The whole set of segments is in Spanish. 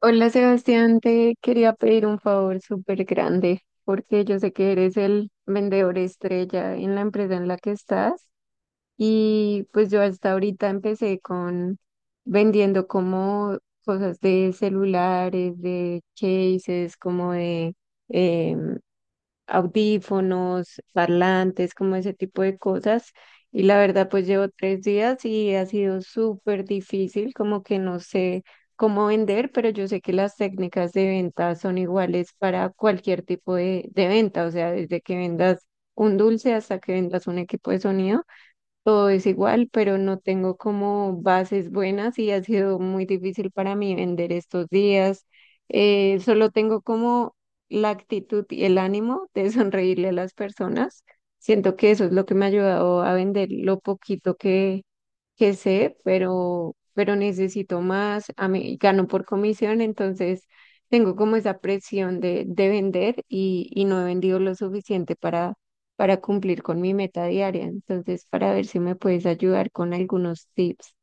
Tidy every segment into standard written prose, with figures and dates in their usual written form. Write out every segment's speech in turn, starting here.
Hola Sebastián, te quería pedir un favor súper grande porque yo sé que eres el vendedor estrella en la empresa en la que estás, y pues yo hasta ahorita empecé con vendiendo como cosas de celulares, de cases, como de eh, audífonos, parlantes, como ese tipo de cosas. Y la verdad, pues llevo 3 días y ha sido súper difícil, como que no sé cómo vender, pero yo sé que las técnicas de venta son iguales para cualquier tipo de venta, o sea, desde que vendas un dulce hasta que vendas un equipo de sonido, todo es igual, pero no tengo como bases buenas y ha sido muy difícil para mí vender estos días. Solo tengo como la actitud y el ánimo de sonreírle a las personas. Siento que eso es lo que me ha ayudado a vender lo poquito que sé, pero necesito más. A mí gano por comisión, entonces tengo como esa presión de vender y no he vendido lo suficiente para cumplir con mi meta diaria. Entonces, para ver si me puedes ayudar con algunos tips.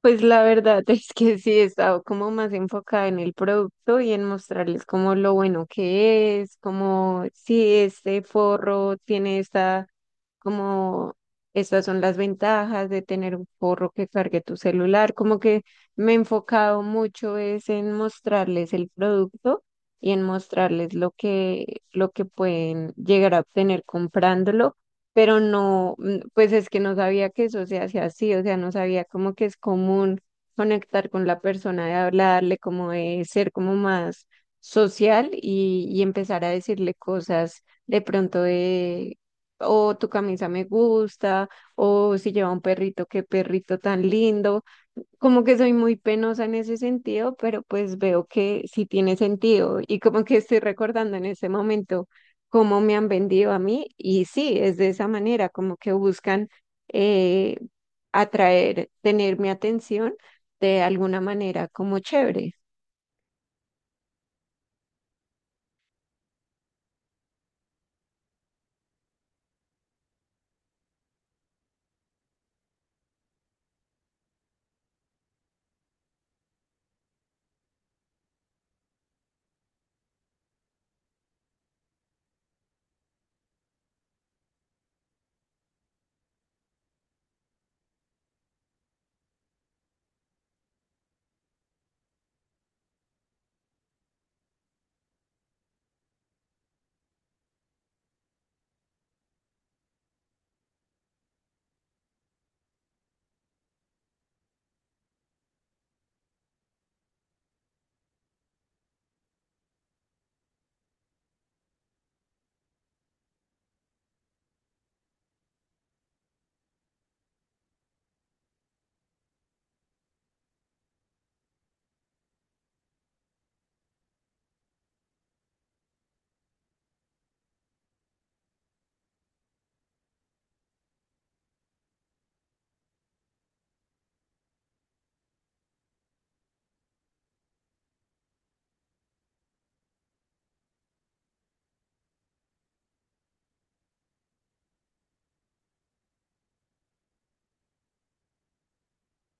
Pues la verdad es que sí, he estado como más enfocada en el producto y en mostrarles como lo bueno que es, como si este forro tiene esta, como, estas son las ventajas de tener un forro que cargue tu celular, como que me he enfocado mucho es en mostrarles el producto y en mostrarles lo que pueden llegar a obtener comprándolo, pero no, pues es que no sabía que eso se hacía así, o sea, no sabía como que es común conectar con la persona, de hablarle, como de ser como más social y empezar a decirle cosas de pronto de o tu camisa me gusta, o si lleva un perrito, qué perrito tan lindo. Como que soy muy penosa en ese sentido, pero pues veo que sí tiene sentido y como que estoy recordando en ese momento cómo me han vendido a mí y sí, es de esa manera, como que buscan eh, atraer, tener mi atención de alguna manera como chévere.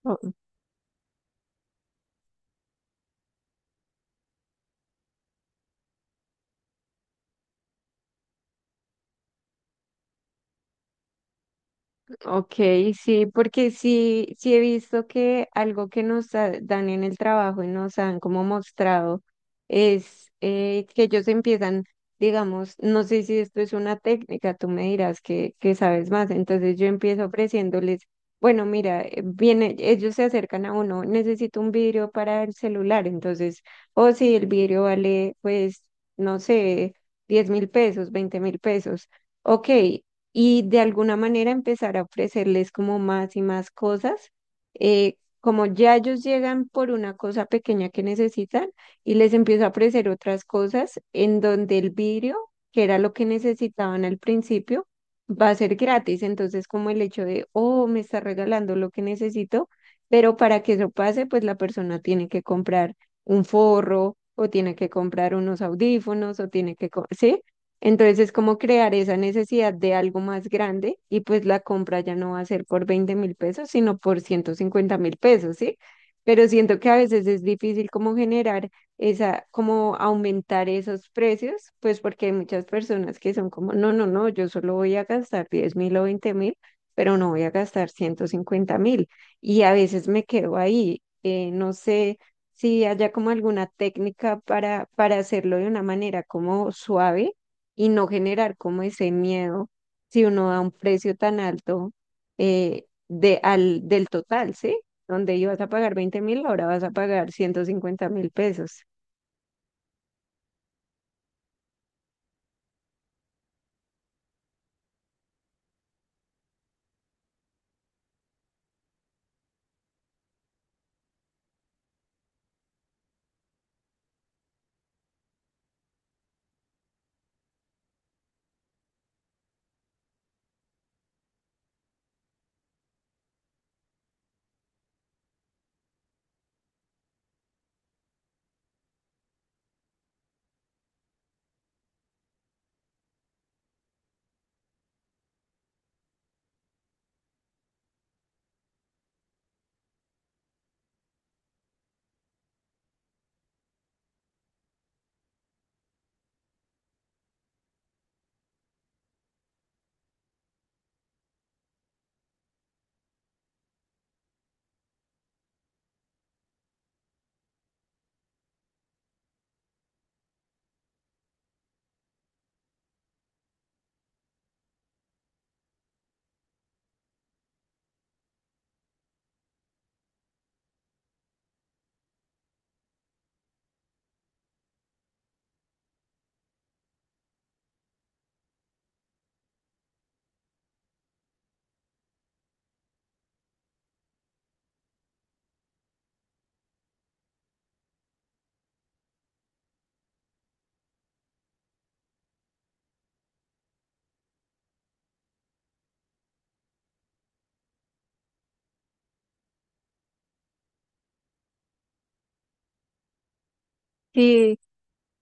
¿No? Ok, sí, porque sí, sí he visto que algo que nos ha- dan en el trabajo y nos han como mostrado es que ellos empiezan, digamos, no sé si esto es una técnica, tú me dirás que sabes más, entonces yo empiezo ofreciéndoles, bueno, mira, viene, ellos se acercan a uno, necesito un vidrio para el celular, entonces, o si el vidrio vale, pues, no sé, 10.000 pesos, 20.000 pesos. Ok, y de alguna manera empezar a ofrecerles como más y más cosas. eh, Como ya ellos llegan por una cosa pequeña que necesitan y les empiezo a ofrecer otras cosas en donde el vidrio, que era lo que necesitaban al principio, va a ser gratis. Entonces, como el hecho de, oh, me está regalando lo que necesito, pero para que eso pase, pues la persona tiene que comprar un forro o tiene que comprar unos audífonos o tiene ¿sí? Entonces es como crear esa necesidad de algo más grande y pues la compra ya no va a ser por 20.000 pesos, sino por 150.000 pesos, ¿sí? Pero siento que a veces es difícil como generar como aumentar esos precios, pues porque hay muchas personas que son como, no, no, no, yo solo voy a gastar 10.000 o 20.000, pero no voy a gastar 150.000. Y a veces me quedo ahí, no sé si haya como alguna técnica para hacerlo de una manera como suave y no generar como ese miedo si uno da un precio tan alto, del total, ¿sí? Donde ibas a pagar 20.000, ahora vas a pagar 150.000 pesos.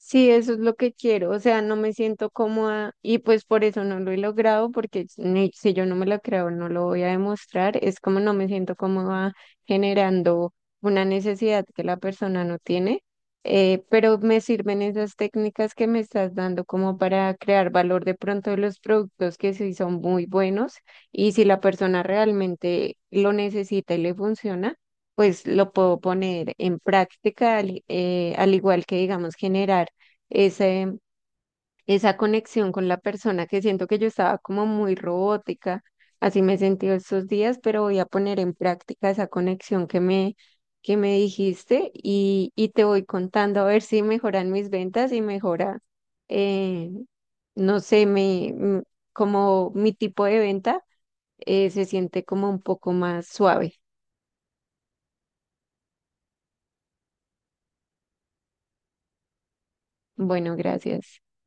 Sí, eso es lo que quiero, o sea, no me siento cómoda y pues por eso no lo he logrado, porque si yo no me lo creo, no lo voy a demostrar, es como no me siento cómoda generando una necesidad que la persona no tiene, pero me sirven esas técnicas que me estás dando como para crear valor de pronto de los productos que sí son muy buenos y si la persona realmente lo necesita y le funciona pues lo puedo poner en práctica, al igual que, digamos, generar ese, esa conexión con la persona que siento que yo estaba como muy robótica, así me he sentido estos días, pero voy a poner en práctica esa conexión que me dijiste y te voy contando a ver si mejoran mis ventas y mejora, eh, no sé, como mi tipo de venta se siente como un poco más suave. Bueno, gracias.